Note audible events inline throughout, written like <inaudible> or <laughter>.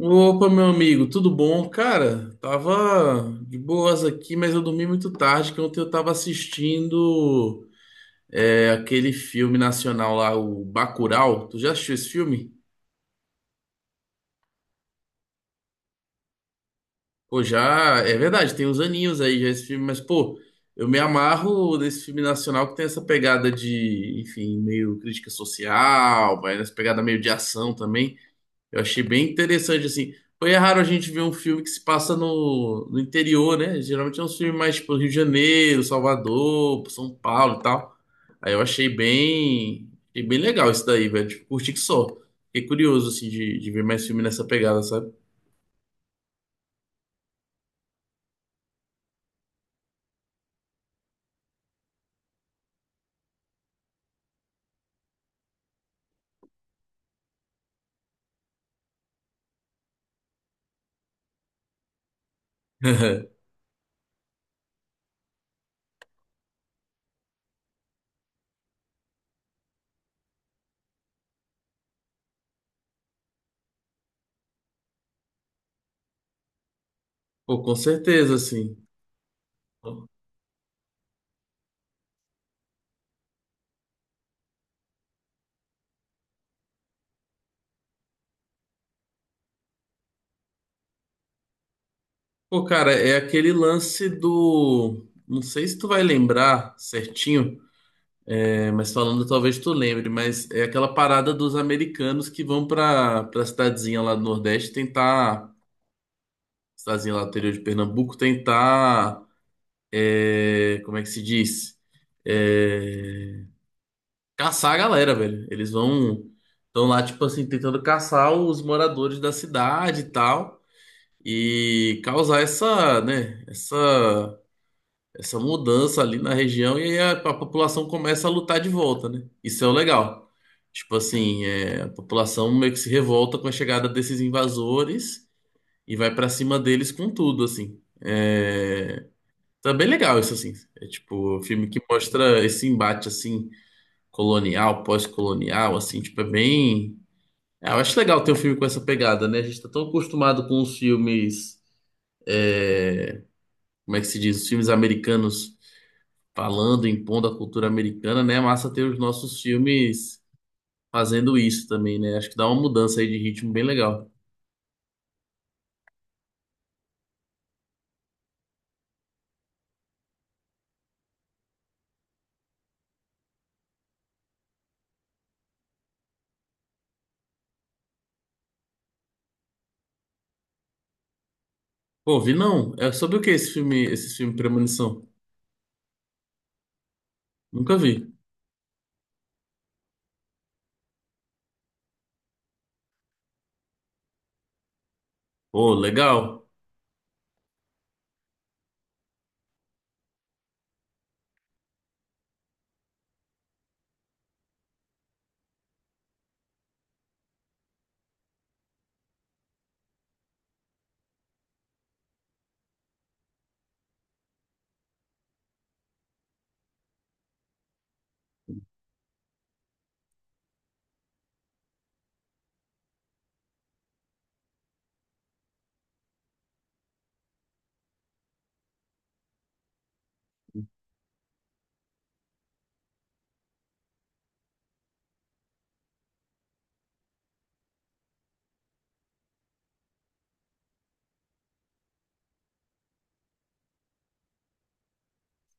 Opa, meu amigo, tudo bom? Cara, tava de boas aqui, mas eu dormi muito tarde, que ontem eu tava assistindo aquele filme nacional lá, o Bacurau. Tu já assistiu esse filme? Pô, já, é verdade, tem uns aninhos aí já esse filme, mas pô, eu me amarro nesse filme nacional que tem essa pegada de, enfim, meio crítica social, vai nessa pegada meio de ação também. Eu achei bem interessante, assim. Foi raro a gente ver um filme que se passa no interior, né? Geralmente é um filme mais tipo Rio de Janeiro, Salvador, São Paulo e tal. Aí eu achei bem legal isso daí, velho. Tipo, curti que só. Fiquei curioso, assim, de ver mais filme nessa pegada, sabe? <laughs> Pô, com certeza, assim. Pô, cara, é aquele lance do. Não sei se tu vai lembrar certinho. É, mas falando, talvez tu lembre, mas é aquela parada dos americanos que vão pra para cidadezinha lá do Nordeste tentar, cidadezinha lá do interior de Pernambuco, tentar, como é que se diz? É, caçar a galera, velho. Eles vão, estão lá, tipo assim, tentando caçar os moradores da cidade e tal, e causar essa, né, essa mudança ali na região e aí a população começa a lutar de volta, né? Isso é o legal. Tipo assim, é, a população meio que se revolta com a chegada desses invasores e vai pra cima deles com tudo, assim. É, tá bem legal isso, assim. É tipo um filme que mostra esse embate, assim, colonial, pós-colonial, assim, tipo, é bem... É, eu acho legal ter um filme com essa pegada, né? A gente tá tão acostumado com os filmes... é, como é que se diz? Os filmes americanos falando, impondo a cultura americana, né? É massa ter os nossos filmes fazendo isso também, né? Acho que dá uma mudança aí de ritmo bem legal. Pô, vi não. É sobre o que esse filme Premonição? Nunca vi. Pô, legal.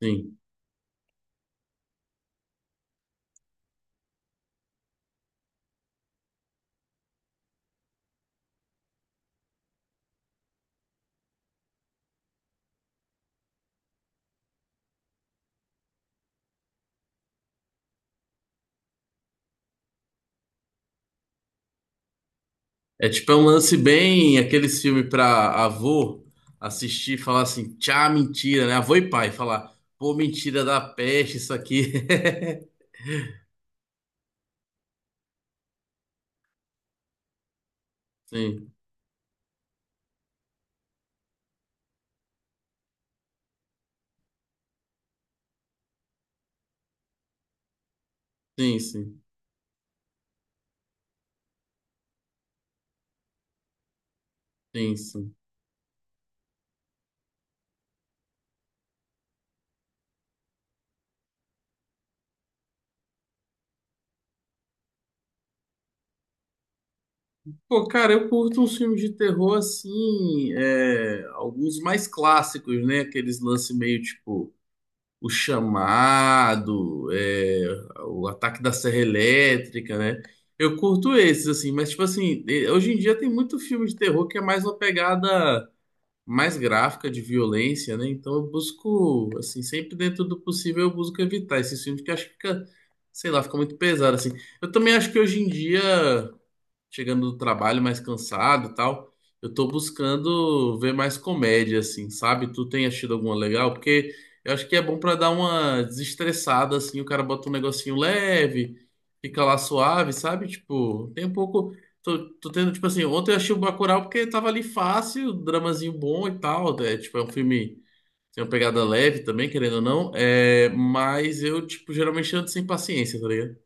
Sim. É tipo é um lance bem aqueles filmes pra avô assistir e falar assim, tchá, mentira, né? Avô e pai falar, pô, mentira da peste, isso aqui. <laughs> Sim, sim, sim, sim, sim. Pô, cara, eu curto uns filmes de terror assim, é, alguns mais clássicos, né? Aqueles lances meio tipo O Chamado, é, O Ataque da Serra Elétrica, né? Eu curto esses, assim, mas tipo assim, hoje em dia tem muito filme de terror que é mais uma pegada mais gráfica de violência, né? Então eu busco, assim, sempre dentro do possível eu busco evitar esses filmes que eu acho que fica, sei lá, fica muito pesado, assim. Eu também acho que hoje em dia chegando do trabalho mais cansado e tal. Eu tô buscando ver mais comédia, assim, sabe? Tu tem achado alguma legal? Porque eu acho que é bom pra dar uma desestressada, assim, o cara bota um negocinho leve, fica lá suave, sabe? Tipo, tem um pouco. Tô tendo, tipo assim, ontem eu achei o Bacurau porque tava ali fácil, dramazinho bom e tal. É, tipo, é um filme. Tem uma pegada leve também, querendo ou não. É, mas eu, tipo, geralmente ando sem paciência, tá ligado?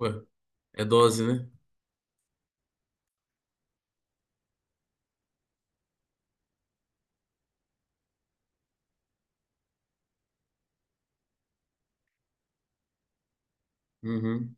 Ué, é dose, né? Uhum.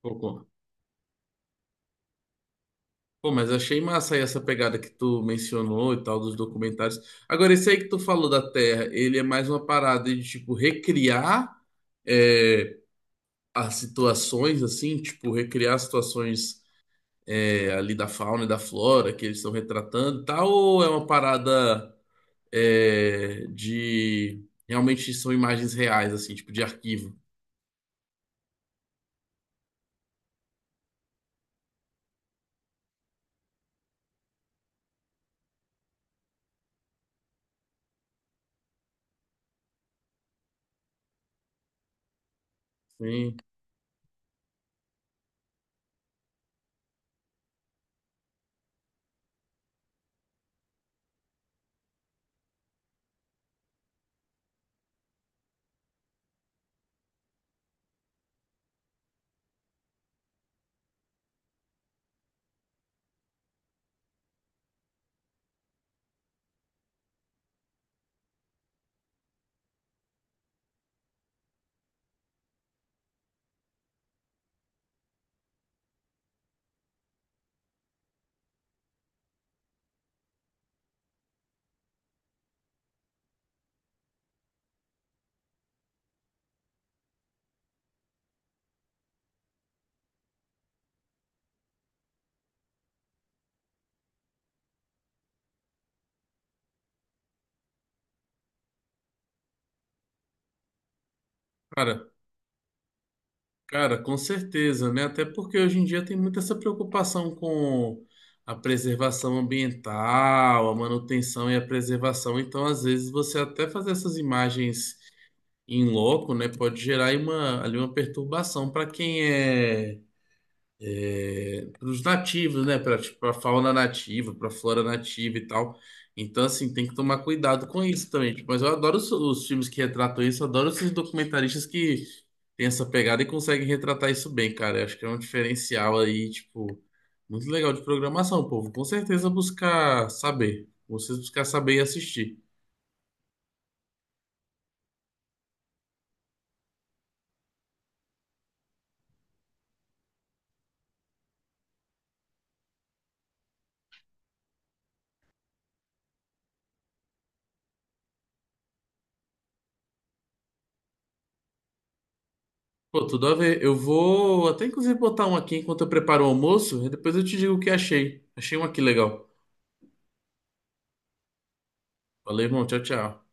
Pô, Pô, mas achei massa aí essa pegada que tu mencionou e tal dos documentários. Agora, esse aí que tu falou da Terra, ele é mais uma parada de, tipo, recriar é, as situações, assim, tipo, recriar as situações ali da fauna e da flora que eles estão retratando e tal, ou é uma parada de... Realmente são imagens reais, assim, tipo, de arquivo? Sim. cara Cara, com certeza, né? Até porque hoje em dia tem muita essa preocupação com a preservação ambiental, a manutenção e a preservação. Então, às vezes, você até fazer essas imagens em loco, né, pode gerar aí uma, ali uma perturbação para quem é para os nativos, né? Para tipo, pra fauna nativa, para a flora nativa e tal. Então, assim, tem que tomar cuidado com isso também. Tipo, mas eu adoro os filmes que retratam isso, eu adoro esses documentaristas que têm essa pegada e conseguem retratar isso bem, cara. Eu acho que é um diferencial aí, tipo, muito legal de programação, povo. Com certeza buscar saber. Vocês buscar saber e assistir. Pô, tudo a ver. Eu vou até inclusive botar um aqui enquanto eu preparo o almoço, e depois eu te digo o que achei. Achei um aqui legal. Valeu, irmão. Tchau, tchau.